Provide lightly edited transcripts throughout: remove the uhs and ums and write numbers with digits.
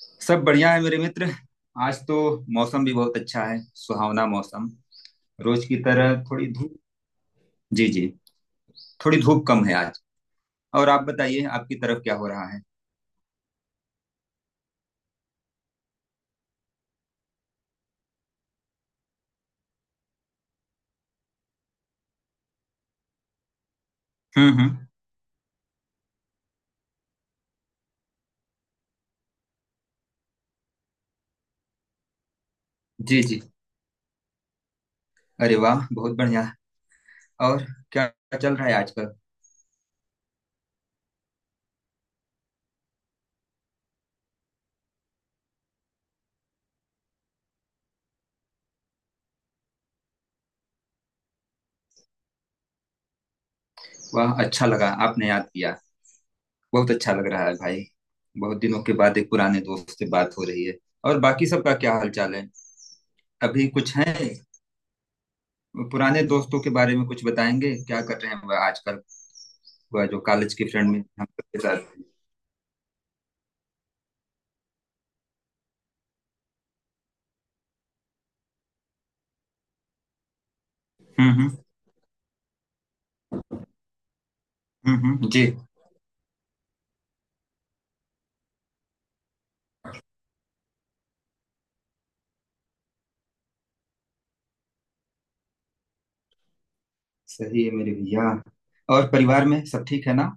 सब बढ़िया है मेरे मित्र। आज तो मौसम भी बहुत अच्छा है, सुहावना मौसम, रोज की तरह थोड़ी धूप। जी जी। थोड़ी धूप कम है आज। और आप बताइए, आपकी तरफ क्या हो रहा है? हम्म। जी जी। अरे वाह, बहुत बढ़िया। और क्या चल रहा है आजकल? वाह, अच्छा लगा आपने याद किया। बहुत अच्छा लग रहा है भाई। बहुत दिनों के बाद एक पुराने दोस्त से बात हो रही है। और बाकी सबका क्या हालचाल है? अभी कुछ है पुराने दोस्तों के बारे में कुछ बताएंगे, क्या कर रहे हैं वह आजकल? हुआ जो कॉलेज की फ्रेंड में हम सबके साथ थी। हम्म। जी। सही है मेरे भैया। और परिवार में सब ठीक है ना?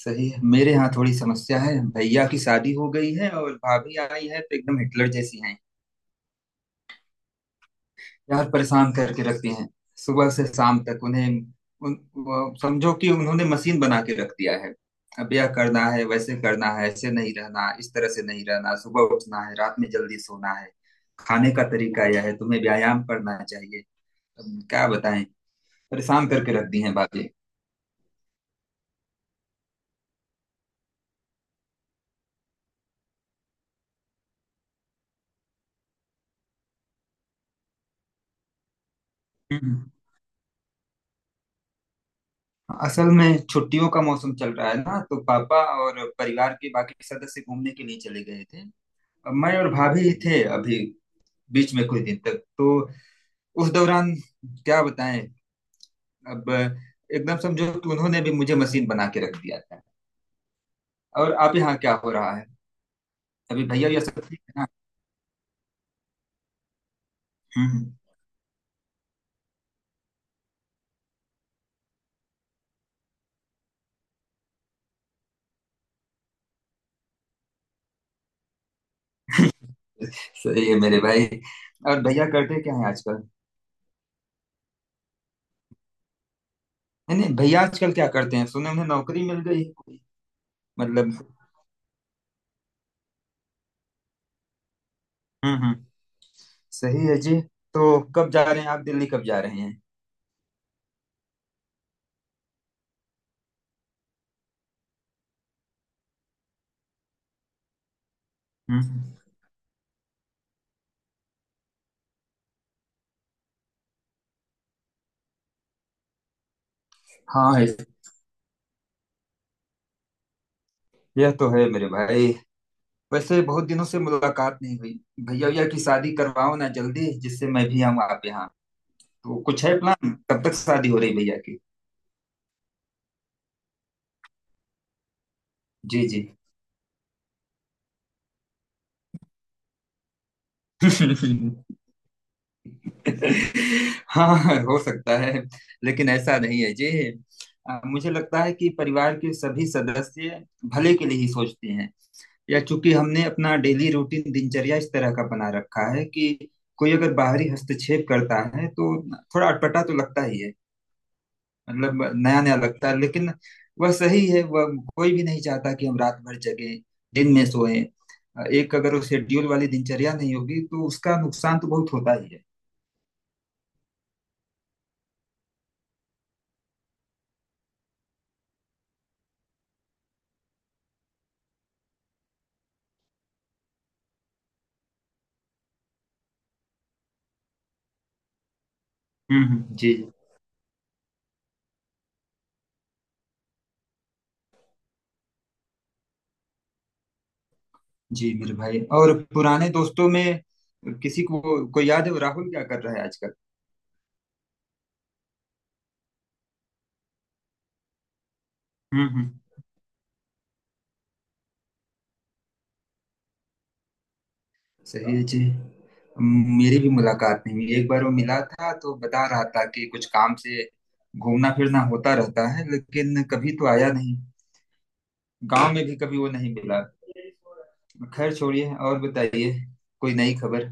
सही है मेरे यहाँ थोड़ी समस्या है, भैया की शादी हो गई है और भाभी आई है तो एकदम हिटलर जैसी हैं। यार परेशान करके रखती हैं सुबह से शाम तक उन्हें। समझो कि उन्होंने मशीन बना के रख दिया है। अब यह करना है, वैसे करना है, ऐसे नहीं रहना, इस तरह से नहीं रहना, सुबह उठना है, रात में जल्दी सोना है, खाने का तरीका यह है, तुम्हें व्यायाम करना चाहिए। अब क्या बताएं, परेशान करके रख दी हैं बातें। हम्म, असल में छुट्टियों का मौसम चल रहा है ना, तो पापा और परिवार के बाकी सदस्य घूमने के लिए चले गए थे। अब मैं और भाभी थे अभी, बीच में कुछ दिन तक तो। उस दौरान क्या बताएं, अब एकदम समझो कि उन्होंने भी मुझे मशीन बना के रख दिया था। और आप यहाँ क्या हो रहा है? अभी भैया ये सब ठीक है ना? हम्म। सही है मेरे भाई। और भैया करते क्या है आजकल? नहीं नहीं, भैया आजकल क्या करते हैं, सुने उन्हें नौकरी मिल गई है कोई? मतलब। हम्म। सही है जी। तो कब जा रहे हैं आप, दिल्ली कब जा रहे हैं? हम्म, हाँ। यह तो है मेरे भाई, वैसे बहुत दिनों से मुलाकात नहीं हुई। भैया, भैया की शादी करवाओ ना जल्दी, जिससे मैं भी आऊँ आप यहाँ। तो कुछ है प्लान, कब तक शादी हो रही भैया की? जी जी। हाँ हो सकता है। लेकिन ऐसा नहीं है जी। मुझे लगता है कि परिवार के सभी सदस्य भले के लिए ही सोचते हैं। या चूंकि हमने अपना डेली रूटीन, दिनचर्या इस तरह का बना रखा है कि कोई अगर बाहरी हस्तक्षेप करता है तो थोड़ा अटपटा तो लगता ही है, मतलब नया नया लगता है लेकिन। वह सही है वह। कोई भी नहीं चाहता कि हम रात भर जगें, दिन में सोएं। एक अगर वो शेड्यूल वाली दिनचर्या नहीं होगी तो उसका नुकसान तो बहुत होता ही है। जी। जी मेरे भाई, और पुराने दोस्तों में किसी को, कोई याद है वो राहुल क्या कर रहा है आजकल? हम्म। सही है जी। मेरी भी मुलाकात नहीं हुई, एक बार वो मिला था तो बता रहा था कि कुछ काम से घूमना फिरना होता रहता है, लेकिन कभी तो आया नहीं। गांव में भी कभी वो नहीं मिला। खैर, छोड़िए और बताइए, कोई नई खबर?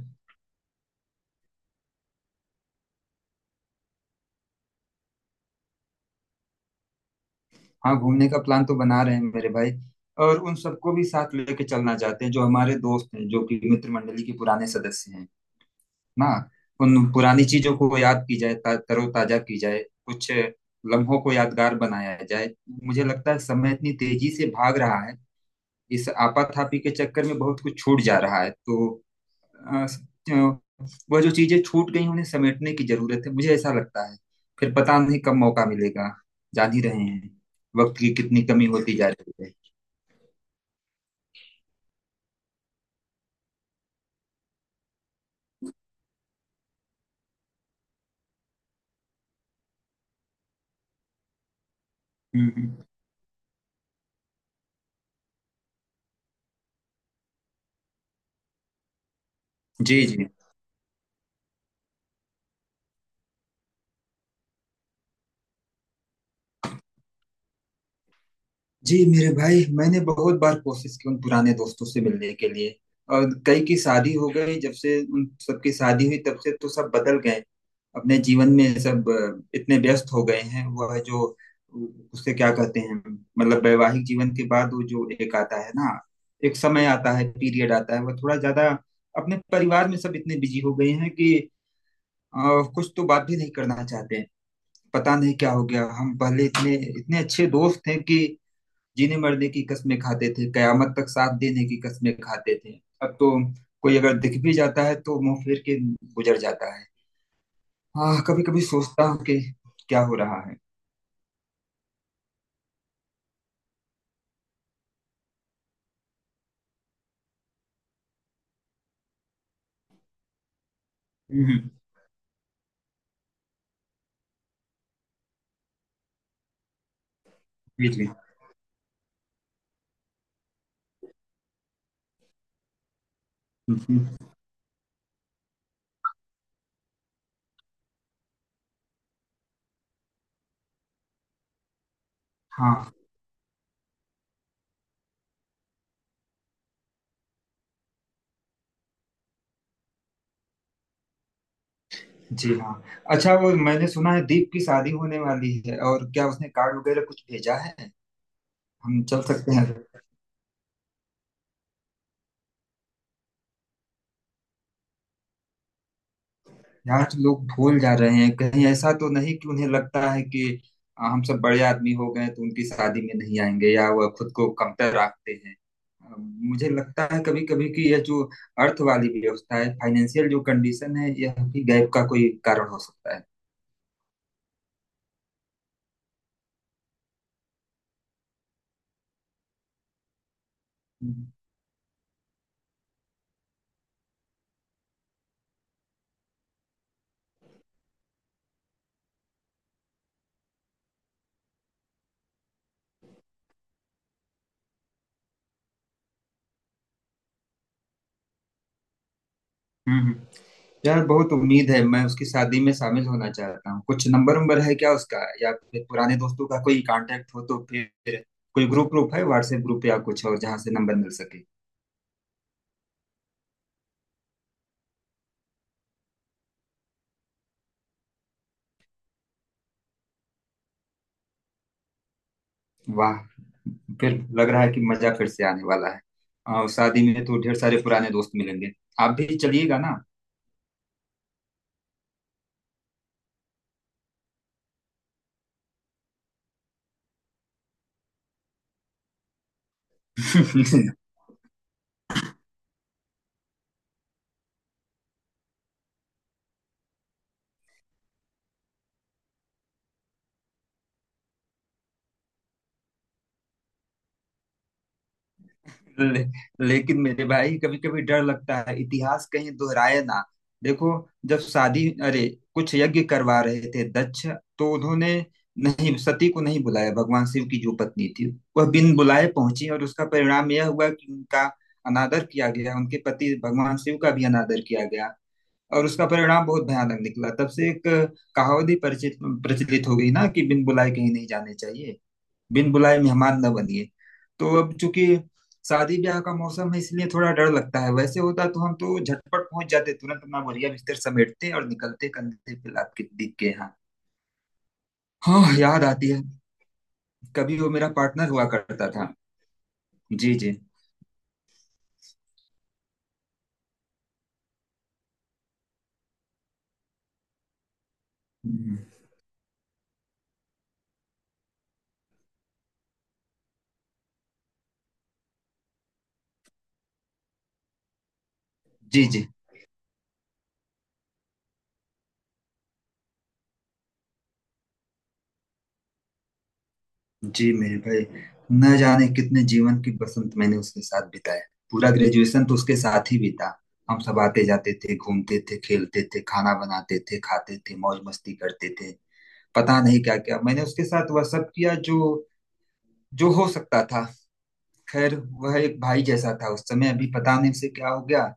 हाँ घूमने का प्लान तो बना रहे हैं मेरे भाई। और उन सबको भी साथ लेके चलना चाहते हैं जो हमारे दोस्त हैं, जो कि मित्र मंडली के पुराने सदस्य हैं ना। उन पुरानी चीजों को याद की जाए, तरोताजा की जाए, कुछ लम्हों को यादगार बनाया जाए। मुझे लगता है समय इतनी तेजी से भाग रहा है, इस आपाधापी के चक्कर में बहुत कुछ छूट जा रहा है, तो अ, स- अ, वह जो चीजें छूट गई उन्हें समेटने की जरूरत है, मुझे ऐसा लगता है। फिर पता नहीं कब मौका मिलेगा, जान ही रहे हैं वक्त की कितनी कमी होती जा रही है। हम्म हम्म। जी जी। जी मेरे भाई, मैंने बहुत बार कोशिश की उन पुराने दोस्तों से मिलने के लिए। और कई की शादी हो गई, जब से उन सबकी शादी हुई तब से तो सब बदल गए। अपने जीवन में सब इतने व्यस्त हो गए हैं वह जो, उससे क्या कहते हैं, मतलब वैवाहिक जीवन के बाद वो जो एक आता है ना, एक समय आता है, पीरियड आता है, वह थोड़ा ज्यादा अपने परिवार में सब इतने बिजी हो गए हैं कि अ, कुछ तो बात भी नहीं करना चाहते हैं। पता नहीं क्या हो गया, हम पहले इतने इतने अच्छे दोस्त थे कि जीने मरने की कस्में खाते थे, कयामत तक साथ देने की कस्में खाते थे। अब तो कोई अगर दिख भी जाता है तो मुंह फेर के गुजर जाता है। हाँ कभी कभी सोचता हूँ कि क्या हो रहा है। हम्म, जी जी। हम्म, हाँ। जी हाँ। अच्छा वो मैंने सुना है दीप की शादी होने वाली है, और क्या उसने कार्ड वगैरह कुछ भेजा है? हम चल सकते हैं। यार तो लोग भूल जा रहे हैं, कहीं ऐसा तो नहीं कि उन्हें लगता है कि हम सब बड़े आदमी हो गए तो उनकी शादी में नहीं आएंगे, या वह खुद को कमतर रखते हैं। मुझे लगता है कभी कभी कि यह जो अर्थ वाली व्यवस्था है, फाइनेंशियल जो कंडीशन है, यह भी गैप का कोई कारण हो सकता है। हम्म हम्म। यार बहुत उम्मीद है, मैं उसकी शादी में शामिल होना चाहता हूँ। कुछ नंबर नंबर है क्या उसका, या फिर पुराने दोस्तों का कोई कांटेक्ट हो तो फिर? कोई ग्रुप ग्रुप है, व्हाट्सएप ग्रुप या कुछ और, जहाँ से नंबर मिल सके? वाह, फिर लग रहा है कि मजा फिर से आने वाला है। शादी में तो ढेर सारे पुराने दोस्त मिलेंगे। आप भी चलिएगा ना? ले, लेकिन मेरे भाई कभी कभी डर लगता है इतिहास कहीं दोहराए ना। देखो, जब शादी, अरे कुछ यज्ञ करवा रहे थे दक्ष, तो उन्होंने नहीं सती को नहीं बुलाया, भगवान शिव की जो पत्नी थी। वह बिन बुलाए पहुंची, और उसका परिणाम यह हुआ कि उनका अनादर किया गया, उनके पति भगवान शिव का भी अनादर किया गया। और उसका परिणाम बहुत भयानक निकला, तब से एक कहावत ही परिचित, प्रचलित हो गई ना कि बिन बुलाए कहीं नहीं जाने चाहिए, बिन बुलाए मेहमान न बनिए। तो अब चूंकि शादी ब्याह का मौसम है इसलिए थोड़ा डर लगता है, वैसे होता तो हम तो झटपट पहुंच जाते, तुरंत अपना बोरिया बिस्तर समेटते और निकलते कंधे पे लाद के दीप के यहाँ। हाँ याद आती है। कभी वो मेरा पार्टनर हुआ करता था। जी जी। जी जी। जी मेरे भाई, न जाने कितने जीवन की बसंत मैंने उसके साथ बिताया। पूरा ग्रेजुएशन तो उसके साथ ही बीता। हम सब आते जाते थे, घूमते थे, खेलते थे, खाना बनाते थे, खाते थे, मौज मस्ती करते थे। पता नहीं क्या क्या मैंने उसके साथ वह सब किया, जो जो हो सकता था। खैर, वह एक भाई जैसा था उस समय। अभी पता नहीं उसे क्या हो गया।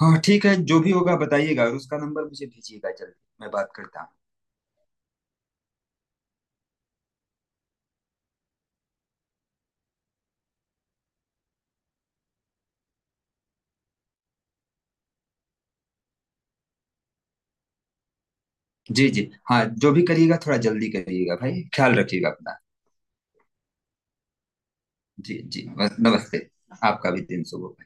हाँ ठीक है, जो भी होगा बताइएगा, और उसका नंबर मुझे भेजिएगा जल्दी, मैं बात करता हूँ। जी जी, हाँ। जो भी करिएगा थोड़ा जल्दी करिएगा भाई, ख्याल रखिएगा अपना। जी जी, नमस्ते। आपका भी दिन शुभ हो।